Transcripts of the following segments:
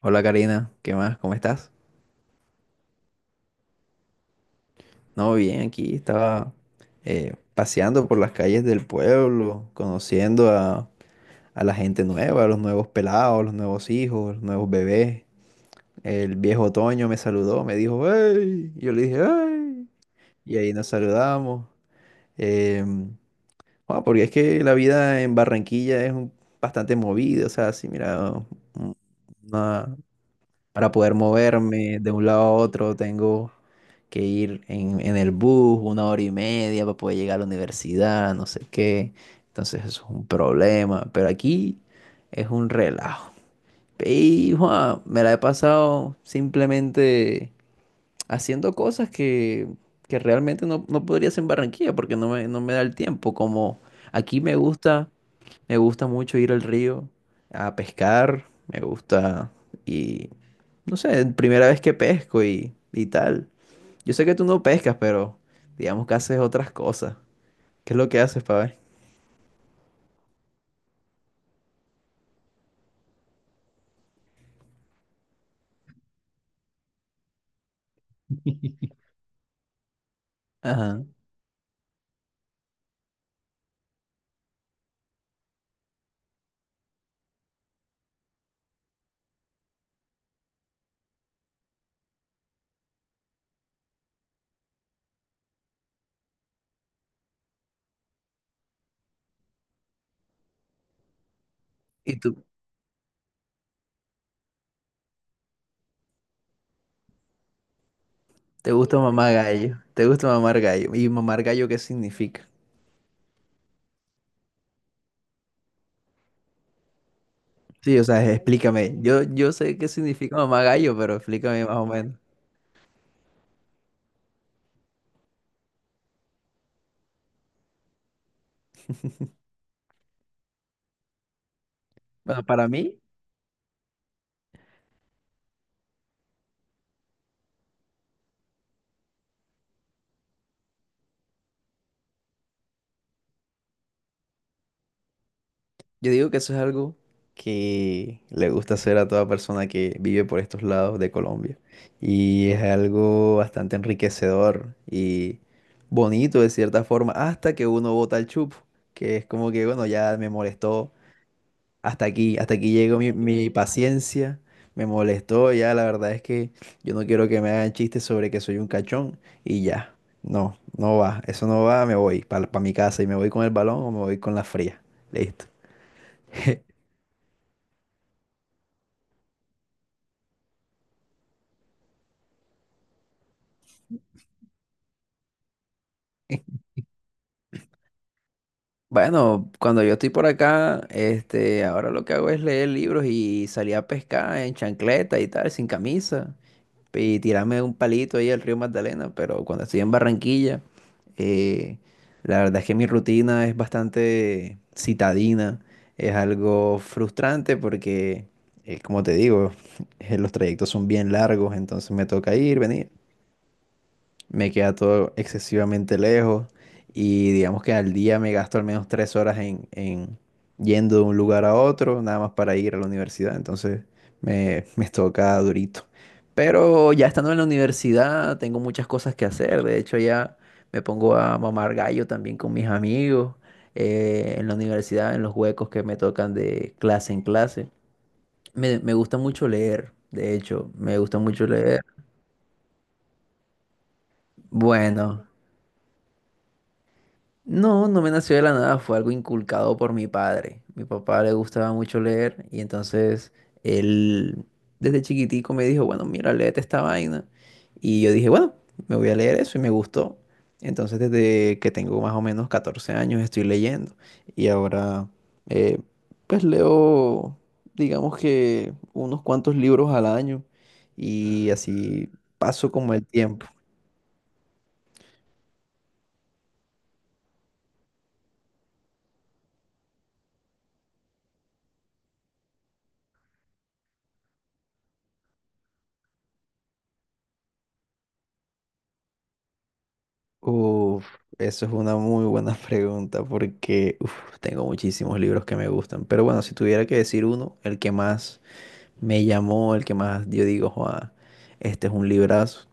Hola Karina, ¿qué más? ¿Cómo estás? No, bien, aquí estaba, paseando por las calles del pueblo, conociendo a la gente nueva, a los nuevos pelados, los nuevos hijos, los nuevos bebés. El viejo otoño me saludó, me dijo, "¡Hey!" Yo le dije, "¡Hey!" Y ahí nos saludamos. Em, ah, porque es que la vida en Barranquilla es bastante movida, o sea, sí, mira, un- una, para poder moverme de un lado a otro, tengo que ir en el bus una hora y media para poder llegar a la universidad, no sé qué. Entonces eso es un problema, pero aquí es un relajo. Y Juan, me la he pasado simplemente haciendo cosas que realmente no podría hacer en Barranquilla porque no me da el tiempo. Como aquí me gusta mucho ir al río a pescar, me gusta, y no sé, primera vez que pesco y tal. Yo sé que tú no pescas, pero digamos que haces otras cosas. ¿Qué es lo que haces, para Ajá. ¿Y tú? ¿Te gusta mamar gallo? ¿Te gusta mamar gallo? ¿Y mamar gallo qué significa? Sí, o sea, explícame. Yo sé qué significa mamar gallo, pero explícame más o menos. Bueno, para mí, yo digo que eso es algo que le gusta hacer a toda persona que vive por estos lados de Colombia. Y es algo bastante enriquecedor y bonito de cierta forma, hasta que uno bota el chupo, que es como que, bueno, ya me molestó, hasta aquí llegó mi, mi paciencia, me molestó, ya la verdad es que yo no quiero que me hagan chistes sobre que soy un cachón, y ya, no, no va, eso no va, me voy para mi casa y me voy con el balón o me voy con la fría, listo. Bueno, cuando yo estoy por acá, este, ahora lo que hago es leer libros y salir a pescar en chancleta y tal, sin camisa, y tirarme un palito ahí al río Magdalena, pero cuando estoy en Barranquilla, eh, la verdad es que mi rutina es bastante citadina, es algo frustrante porque, como te digo, los trayectos son bien largos, entonces me toca ir, venir, me queda todo excesivamente lejos, y digamos que al día me gasto al menos 3 horas en yendo de un lugar a otro, nada más para ir a la universidad, entonces me toca durito. Pero ya estando en la universidad tengo muchas cosas que hacer, de hecho ya me pongo a mamar gallo también con mis amigos, en la universidad, en los huecos que me tocan de clase en clase. Me gusta mucho leer, de hecho, me gusta mucho leer. Bueno. No me nació de la nada, fue algo inculcado por mi padre. Mi papá le gustaba mucho leer, y entonces él desde chiquitico me dijo, "Bueno, mira, léete esta vaina." Y yo dije, "Bueno, me voy a leer eso", y me gustó. Entonces desde que tengo más o menos 14 años estoy leyendo, y ahora, eh, pues leo, digamos que unos cuantos libros al año, y así paso como el tiempo. Uf, eso es una muy buena pregunta, porque uf, tengo muchísimos libros que me gustan. Pero bueno, si tuviera que decir uno, el que más me llamó, el que más yo digo, "Joa, este es un librazo",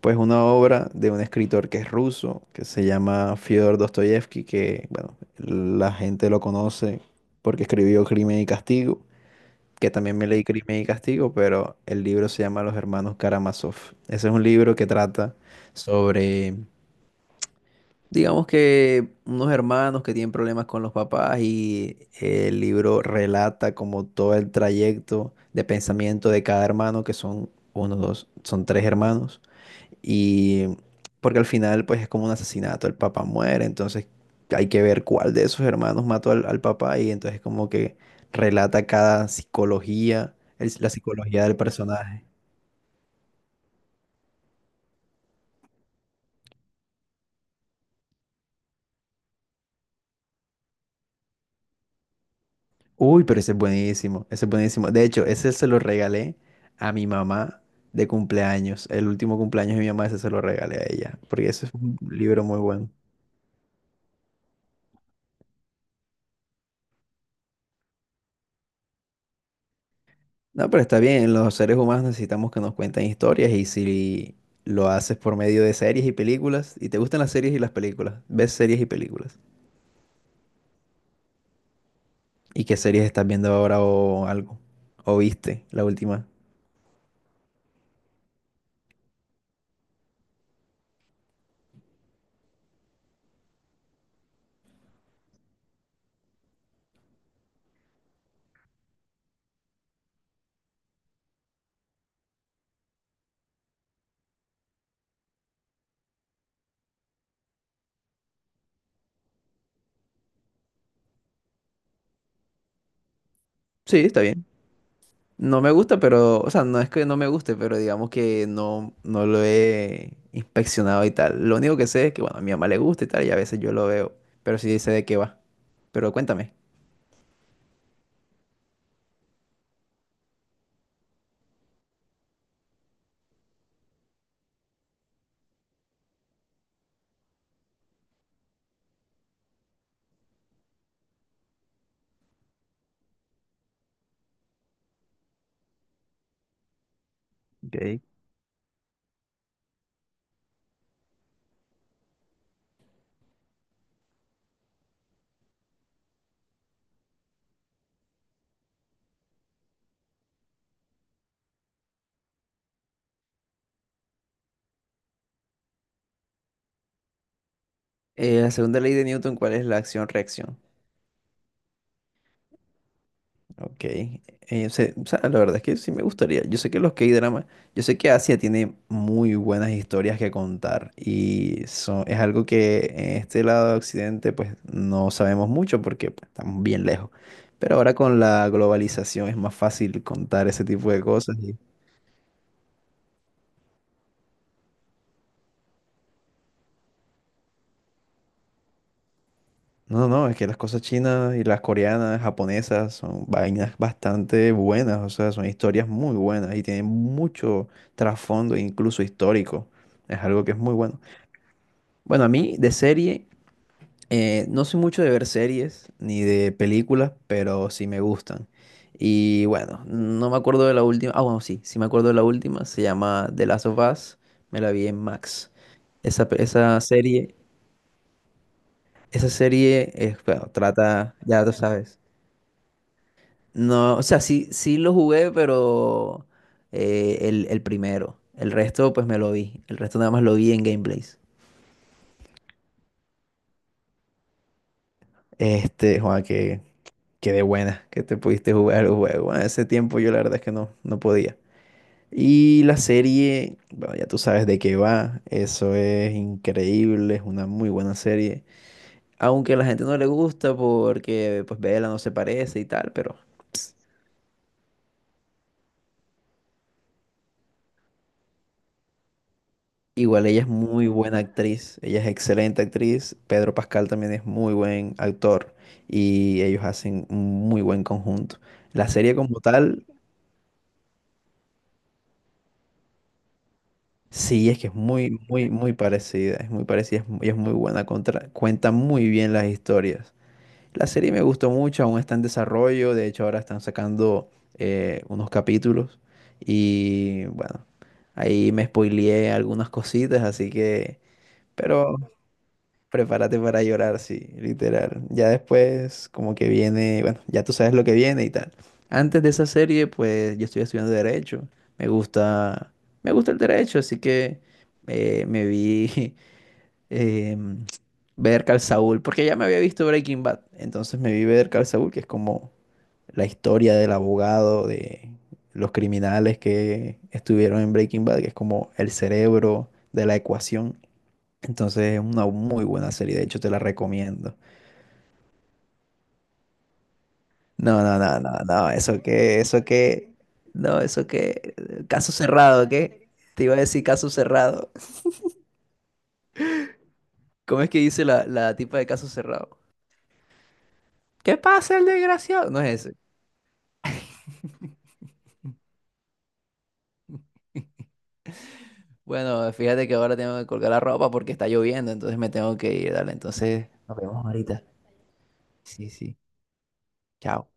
pues una obra de un escritor que es ruso, que se llama Fyodor Dostoyevsky, que bueno, la gente lo conoce porque escribió Crimen y Castigo, que también me leí Crimen y Castigo, pero el libro se llama Los Hermanos Karamazov. Ese es un libro que trata sobre, digamos que, unos hermanos que tienen problemas con los papás, y el libro relata como todo el trayecto de pensamiento de cada hermano, que son uno, dos, son tres hermanos. Y porque al final pues es como un asesinato, el papá muere, entonces hay que ver cuál de esos hermanos mató al papá, y entonces como que relata cada psicología, la psicología del personaje. Uy, pero ese es buenísimo, ese es buenísimo. De hecho, ese se lo regalé a mi mamá de cumpleaños. El último cumpleaños de mi mamá, ese se lo regalé a ella, porque ese es un libro muy bueno. No, pero está bien, los seres humanos necesitamos que nos cuenten historias, y si lo haces por medio de series y películas, y te gustan las series y las películas, ves series y películas. ¿Y qué series estás viendo ahora o algo? ¿O viste la última? Sí, está bien. No me gusta, pero, o sea, no es que no me guste, pero digamos que no, no lo he inspeccionado y tal. Lo único que sé es que, bueno, a mi mamá le gusta y tal, y a veces yo lo veo, pero sí sé de qué va. Pero cuéntame. Ok. La segunda ley de Newton, ¿cuál es la acción-reacción? Ok. O sea, la verdad es que sí me gustaría. Yo sé que los K-dramas, yo sé que Asia tiene muy buenas historias que contar, y son, es algo que en este lado de Occidente pues no sabemos mucho, porque pues, estamos bien lejos. Pero ahora con la globalización es más fácil contar ese tipo de cosas. No, no, no, es que las cosas chinas y las coreanas, japonesas son vainas bastante buenas, o sea, son historias muy buenas y tienen mucho trasfondo, incluso histórico. Es algo que es muy bueno. Bueno, a mí de serie, no soy mucho de ver series ni de películas, pero sí me gustan. Y bueno, no me acuerdo de la última. Ah, bueno, sí, sí me acuerdo de la última. Se llama The Last of Us. Me la vi en Max. Esa, pe- esa serie, esa serie, bueno, trata, ya tú sabes. No, o sea, sí, sí lo jugué, pero el primero. El resto, pues me lo vi. El resto nada más lo vi en gameplays. Este, Juan, que qué de buena que te pudiste jugar el juego. Bueno, ese tiempo yo la verdad es que no podía. Y la serie, bueno, ya tú sabes de qué va. Eso es increíble, es una muy buena serie. Aunque a la gente no le gusta porque pues Bella no se parece y tal, pero ps, igual ella es muy buena actriz. Ella es excelente actriz. Pedro Pascal también es muy buen actor, y ellos hacen un muy buen conjunto. La serie como tal, sí, es que es muy, muy, muy parecida, es muy parecida, y es muy buena, cuenta muy bien las historias. La serie me gustó mucho, aún está en desarrollo, de hecho ahora están sacando unos capítulos, y bueno, ahí me spoileé algunas cositas, así que, pero prepárate para llorar, sí, literal. Ya después, como que viene, bueno, ya tú sabes lo que viene y tal. Antes de esa serie, pues yo estoy estudiando derecho. Me gusta, me gusta el derecho, así que me vi eh, ver Call Saul, porque ya me había visto Breaking Bad. Entonces me vi ver Call Saul, que es como la historia del abogado, de los criminales que estuvieron en Breaking Bad, que es como el cerebro de la ecuación. Entonces es una muy buena serie, de hecho te la recomiendo. No, no, no, no, no, eso que, no, eso que, caso cerrado, ¿qué? Te iba a decir caso cerrado. ¿Cómo es que dice la tipa de caso cerrado? ¿Qué pasa, el desgraciado? No es ese. Bueno, fíjate que ahora tengo que colgar la ropa porque está lloviendo, entonces me tengo que ir, dale, entonces nos vemos ahorita. Sí, sí, chao.